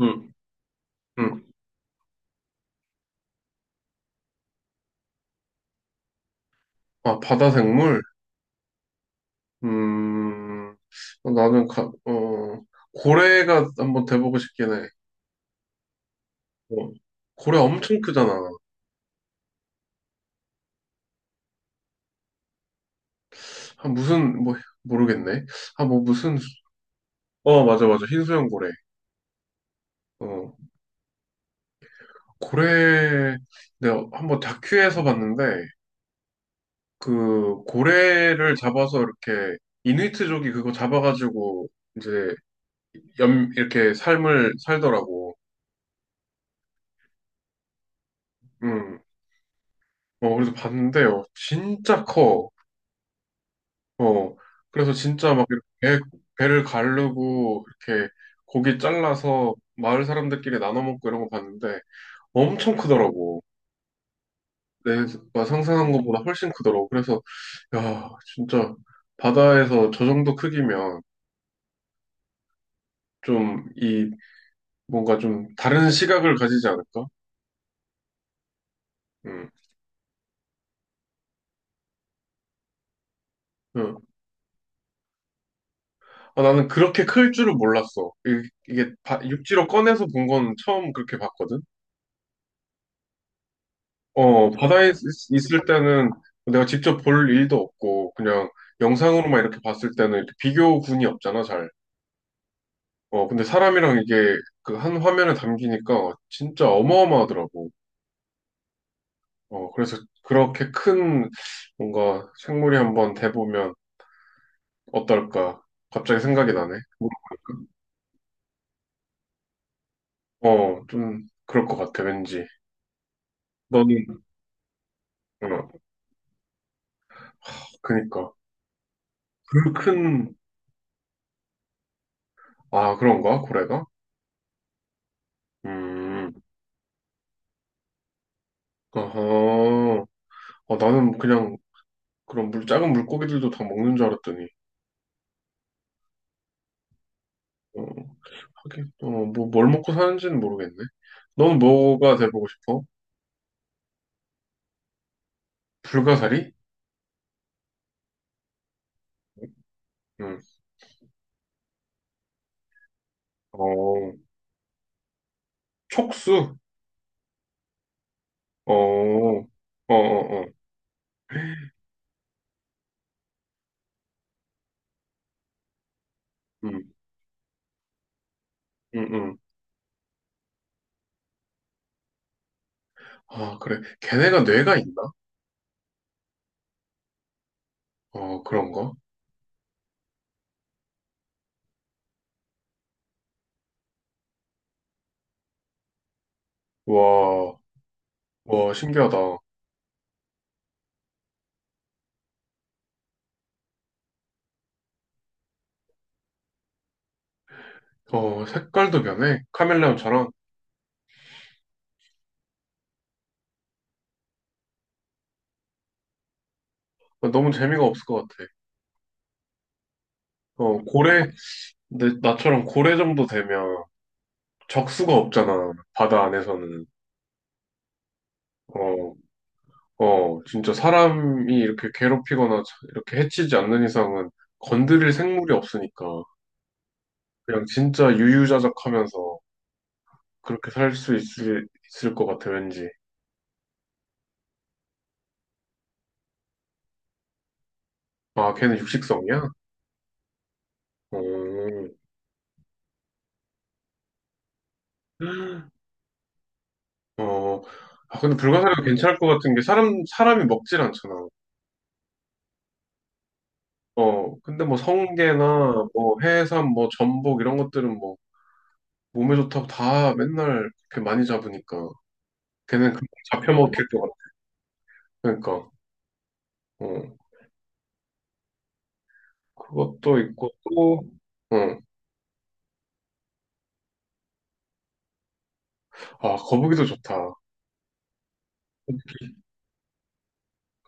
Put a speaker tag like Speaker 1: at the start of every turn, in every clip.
Speaker 1: 응, 응. 아, 바다 생물? 음, 나는, 가, 어, 고래가 한번 돼보고 싶긴 해. 어, 고래 엄청 크잖아. 아, 무슨, 뭐, 모르겠네. 아, 뭐, 무슨, 어, 맞아, 맞아. 흰수염 고래. 어, 고래, 내가 한번 다큐에서 봤는데, 그, 고래를 잡아서 이렇게, 이누이트족이 그거 잡아가지고, 이제, 이렇게 삶을 살더라고. 음, 그래서 봤는데요. 진짜 커. 어, 그래서 진짜 막 이렇게 배, 배를 가르고 이렇게 고기 잘라서 마을 사람들끼리 나눠 먹고 이런 거 봤는데 엄청 크더라고. 내가 상상한 것보다 훨씬 크더라고. 그래서 야, 진짜 바다에서 저 정도 크기면 좀 이 뭔가 좀 다른 시각을 가지지 않을까? 음. 음. 아, 나는 그렇게 클 줄을 몰랐어. 이게 육지로 꺼내서 본 건 처음 그렇게 봤거든. 어, 바다에 있을 때는 내가 직접 볼 일도 없고, 그냥 영상으로만 이렇게 봤을 때는 이렇게 비교군이 없잖아, 잘. 어, 근데 사람이랑 이게 그 한 화면에 담기니까 진짜 어마어마하더라고. 어, 그래서 그렇게 큰 뭔가 생물이 한번 돼보면 어떨까? 갑자기 생각이 나네. 어, 좀 그럴 것 같아, 왠지. 너는, 어, 그니까. 그 큰, 아, 그런가? 고래가? 음, 어허. 어, 나는 그냥 그럼 작은 물고기들도 다 먹는 줄 알았더니, 어, 하긴, 뭐, 뭘 먹고 사는지는 모르겠네. 넌 뭐가 돼보고 싶어? 불가사리? 응. 어, 촉수? 어, 어, 어, 어. 응, 응, 응. 아, 그래. 걔네가 뇌가 있나? 어, 그런가? 와, 와, 신기하다. 어, 색깔도 변해. 카멜레온처럼. 어, 너무 재미가 없을 것 같아. 어, 고래, 나처럼 고래 정도 되면 적수가 없잖아. 바다 안에서는. 어, 어, 진짜 사람이 이렇게 괴롭히거나 이렇게 해치지 않는 이상은 건드릴 생물이 없으니까 그냥 진짜 유유자적하면서 그렇게 살 수 있을 것 같아, 왠지. 아, 걔는 육식성이야? 어, 어, 아, 근데 불가사리가 괜찮을 것 같은 게 사람이 먹질 않잖아. 어, 근데 뭐 성게나 뭐 해삼, 뭐 전복 이런 것들은 뭐 몸에 좋다고 다 맨날 그렇게 많이 잡으니까 걔는 금방 잡혀먹힐 것 같아. 그러니까. 어. 그것도 있고 또, 응. 아, 거북이도 좋다.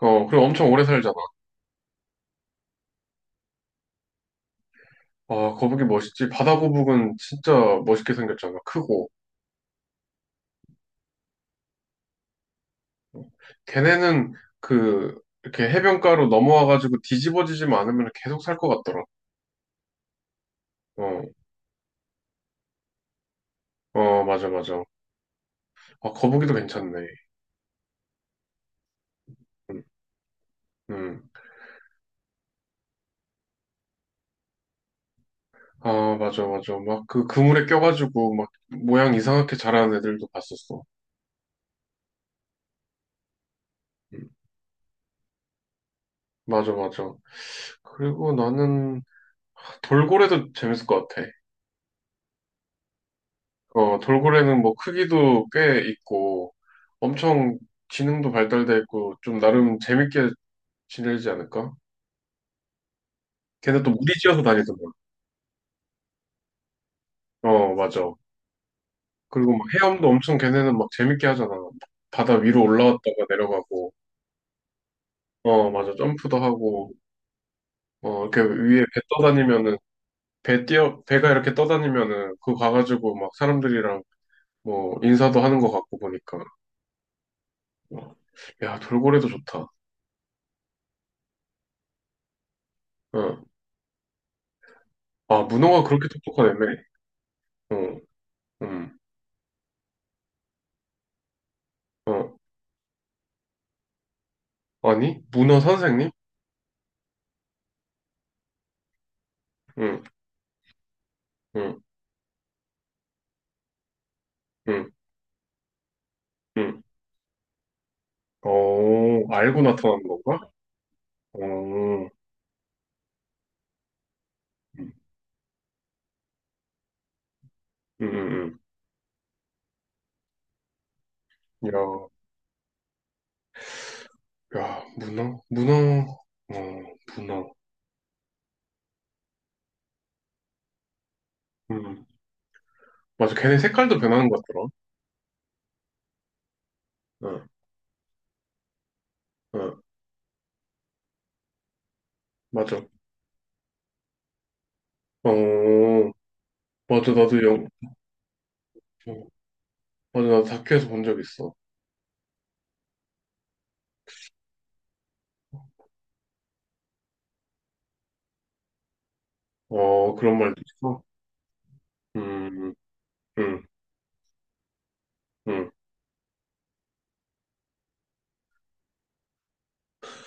Speaker 1: 어, 그리고 엄청 오래 살잖아. 아, 거북이 멋있지. 바다 거북은 진짜 멋있게 생겼잖아. 크고. 걔네는 그, 이렇게 해변가로 넘어와가지고 뒤집어지지 않으면 계속 살 것 같더라. 어, 어, 맞아, 맞아. 아, 거북이도 괜찮네. 음, 음. 아, 맞아, 맞아. 막 그 그물에 껴가지고 막 모양 이상하게 자라는 애들도 봤었어. 음, 맞아, 맞아. 그리고 나는 돌고래도 재밌을 것 같아. 어, 돌고래는 뭐 크기도 꽤 있고 엄청 지능도 발달돼 있고 좀 나름 재밌게 지내지 않을까? 걔네 또 무리지어서 다니더만. 어, 맞아. 그리고 막 헤엄도 엄청 걔네는 막 재밌게 하잖아. 바다 위로 올라왔다가 내려가고, 어, 맞아. 점프도 하고, 어, 이렇게 위에 배 떠다니면은, 배가 이렇게 떠다니면은, 그거 가가지고 막 사람들이랑 뭐 인사도 하는 것 같고 보니까. 어. 야, 돌고래도 좋다. 어. 아, 문어가 그렇게 똑똑한 애매. 음, 어, 아니, 문어 선생님? 응, 응, 응, 응. 어, 알고 나타난 건가? 어, 응, 응, 응. 응. 야, 야, 문어, 문어, 어, 문어. 음, 맞아. 걔네 색깔도 변하는 것 같더라. 응, 응, 맞아. 어, 맞아. 나도 영, 어, 맞아. 나도 다큐에서 본 적 있어. 어, 그런 말도 있어. 음, 응, 응.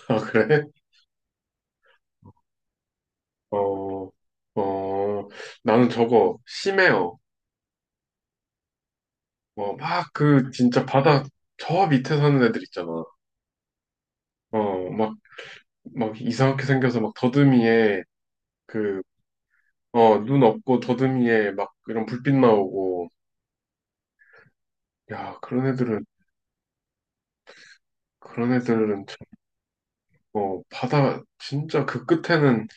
Speaker 1: 아, 그래? 어, 어, 나는 저거, 심해요. 뭐, 막 그, 진짜 바다 저 밑에 사는 애들 있잖아. 어, 막 이상하게 생겨서 막 더듬이에 그, 어, 눈 없고 더듬이에 막 이런 불빛 나오고. 야, 그런 애들은, 그런 애들은 참, 어, 바다 진짜 그 끝에는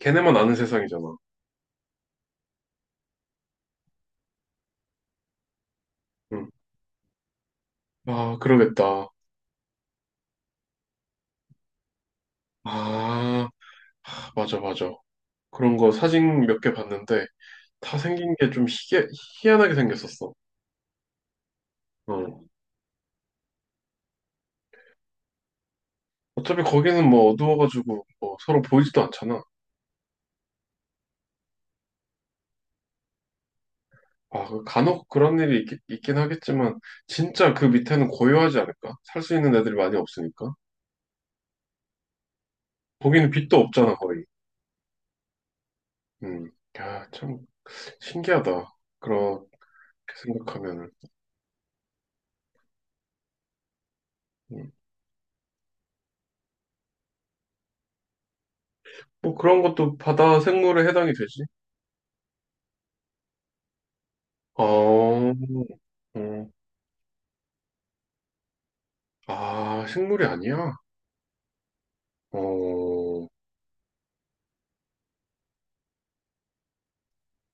Speaker 1: 걔네만 아는 세상이잖아. 응. 아, 그러겠다. 아, 맞아, 맞아. 그런 거 사진 몇 개 봤는데 다 생긴 게 좀 희한하게 생겼었어. 어. 어차피 거기는 뭐 어두워가지고 뭐 서로 보이지도 않잖아. 아, 그 간혹 그런 일이 있긴 하겠지만, 진짜 그 밑에는 고요하지 않을까? 살 수 있는 애들이 많이 없으니까. 거기는 빛도 없잖아, 거의. 음. 야, 참, 신기하다. 그렇게 생각하면은. 음. 뭐 그런 것도 바다 생물에 해당이 되지. 어, 음. 아, 식물이 아니야? 어,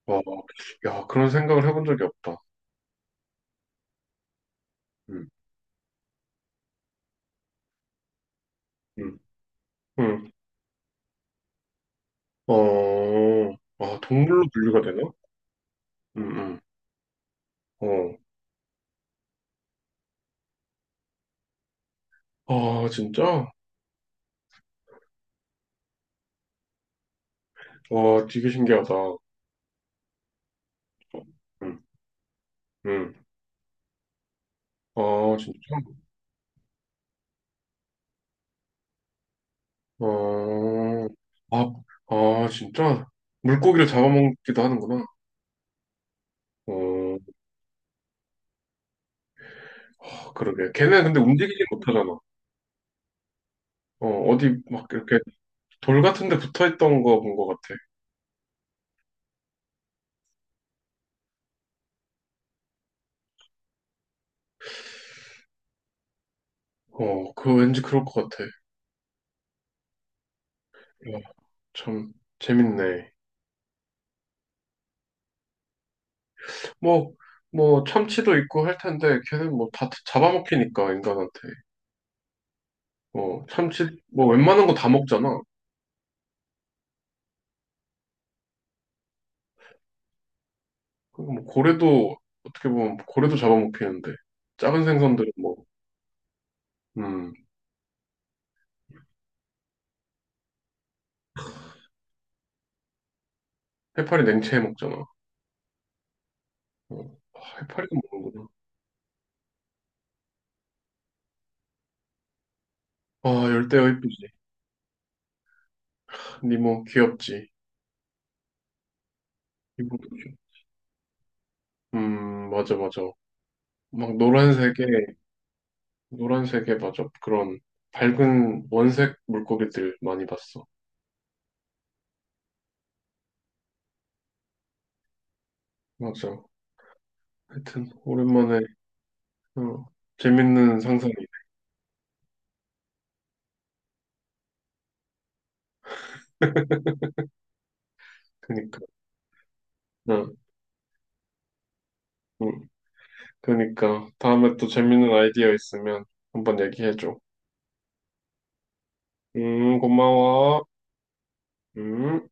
Speaker 1: 와, 야, 그런 생각을 해본 적이 없다. 음, 음, 음. 어, 아, 동물로 분류가 되나? 음, 음. 어, 아, 진짜? 와, 되게 신기하다. 응, 응. 아, 진짜? 어, 아, 아, 진짜? 물고기를 잡아먹기도 하는구나. 어, 아, 그러게. 걔네 근데 움직이지 못하잖아. 어, 어디 막 이렇게 돌 같은 데 붙어 있던 거 본 것 같아. 어, 그거 왠지 그럴 것 같아. 야, 참, 재밌네. 뭐, 뭐, 참치도 있고 할 텐데, 걔는 뭐 다 잡아먹히니까, 인간한테. 어, 참치, 뭐 웬만한 거 다 먹잖아. 그리고 뭐 고래도 어떻게 보면 고래도 잡아먹히는데 작은 생선들은 뭐 음, 해파리 냉채 해 먹잖아. 어, 아, 해파리도 먹는구나. 아 열대어 이쁘지. 니모 귀엽지. 이모도 귀엽. 맞아 맞아. 막 노란색에 맞아 그런 밝은 원색 물고기들 많이 봤어. 맞아. 하여튼 오랜만에 어, 재밌는 상상이. 그니까. 응, 응. 그니까 다음에 또 재밌는 아이디어 있으면 한번 얘기해줘. 고마워. 음.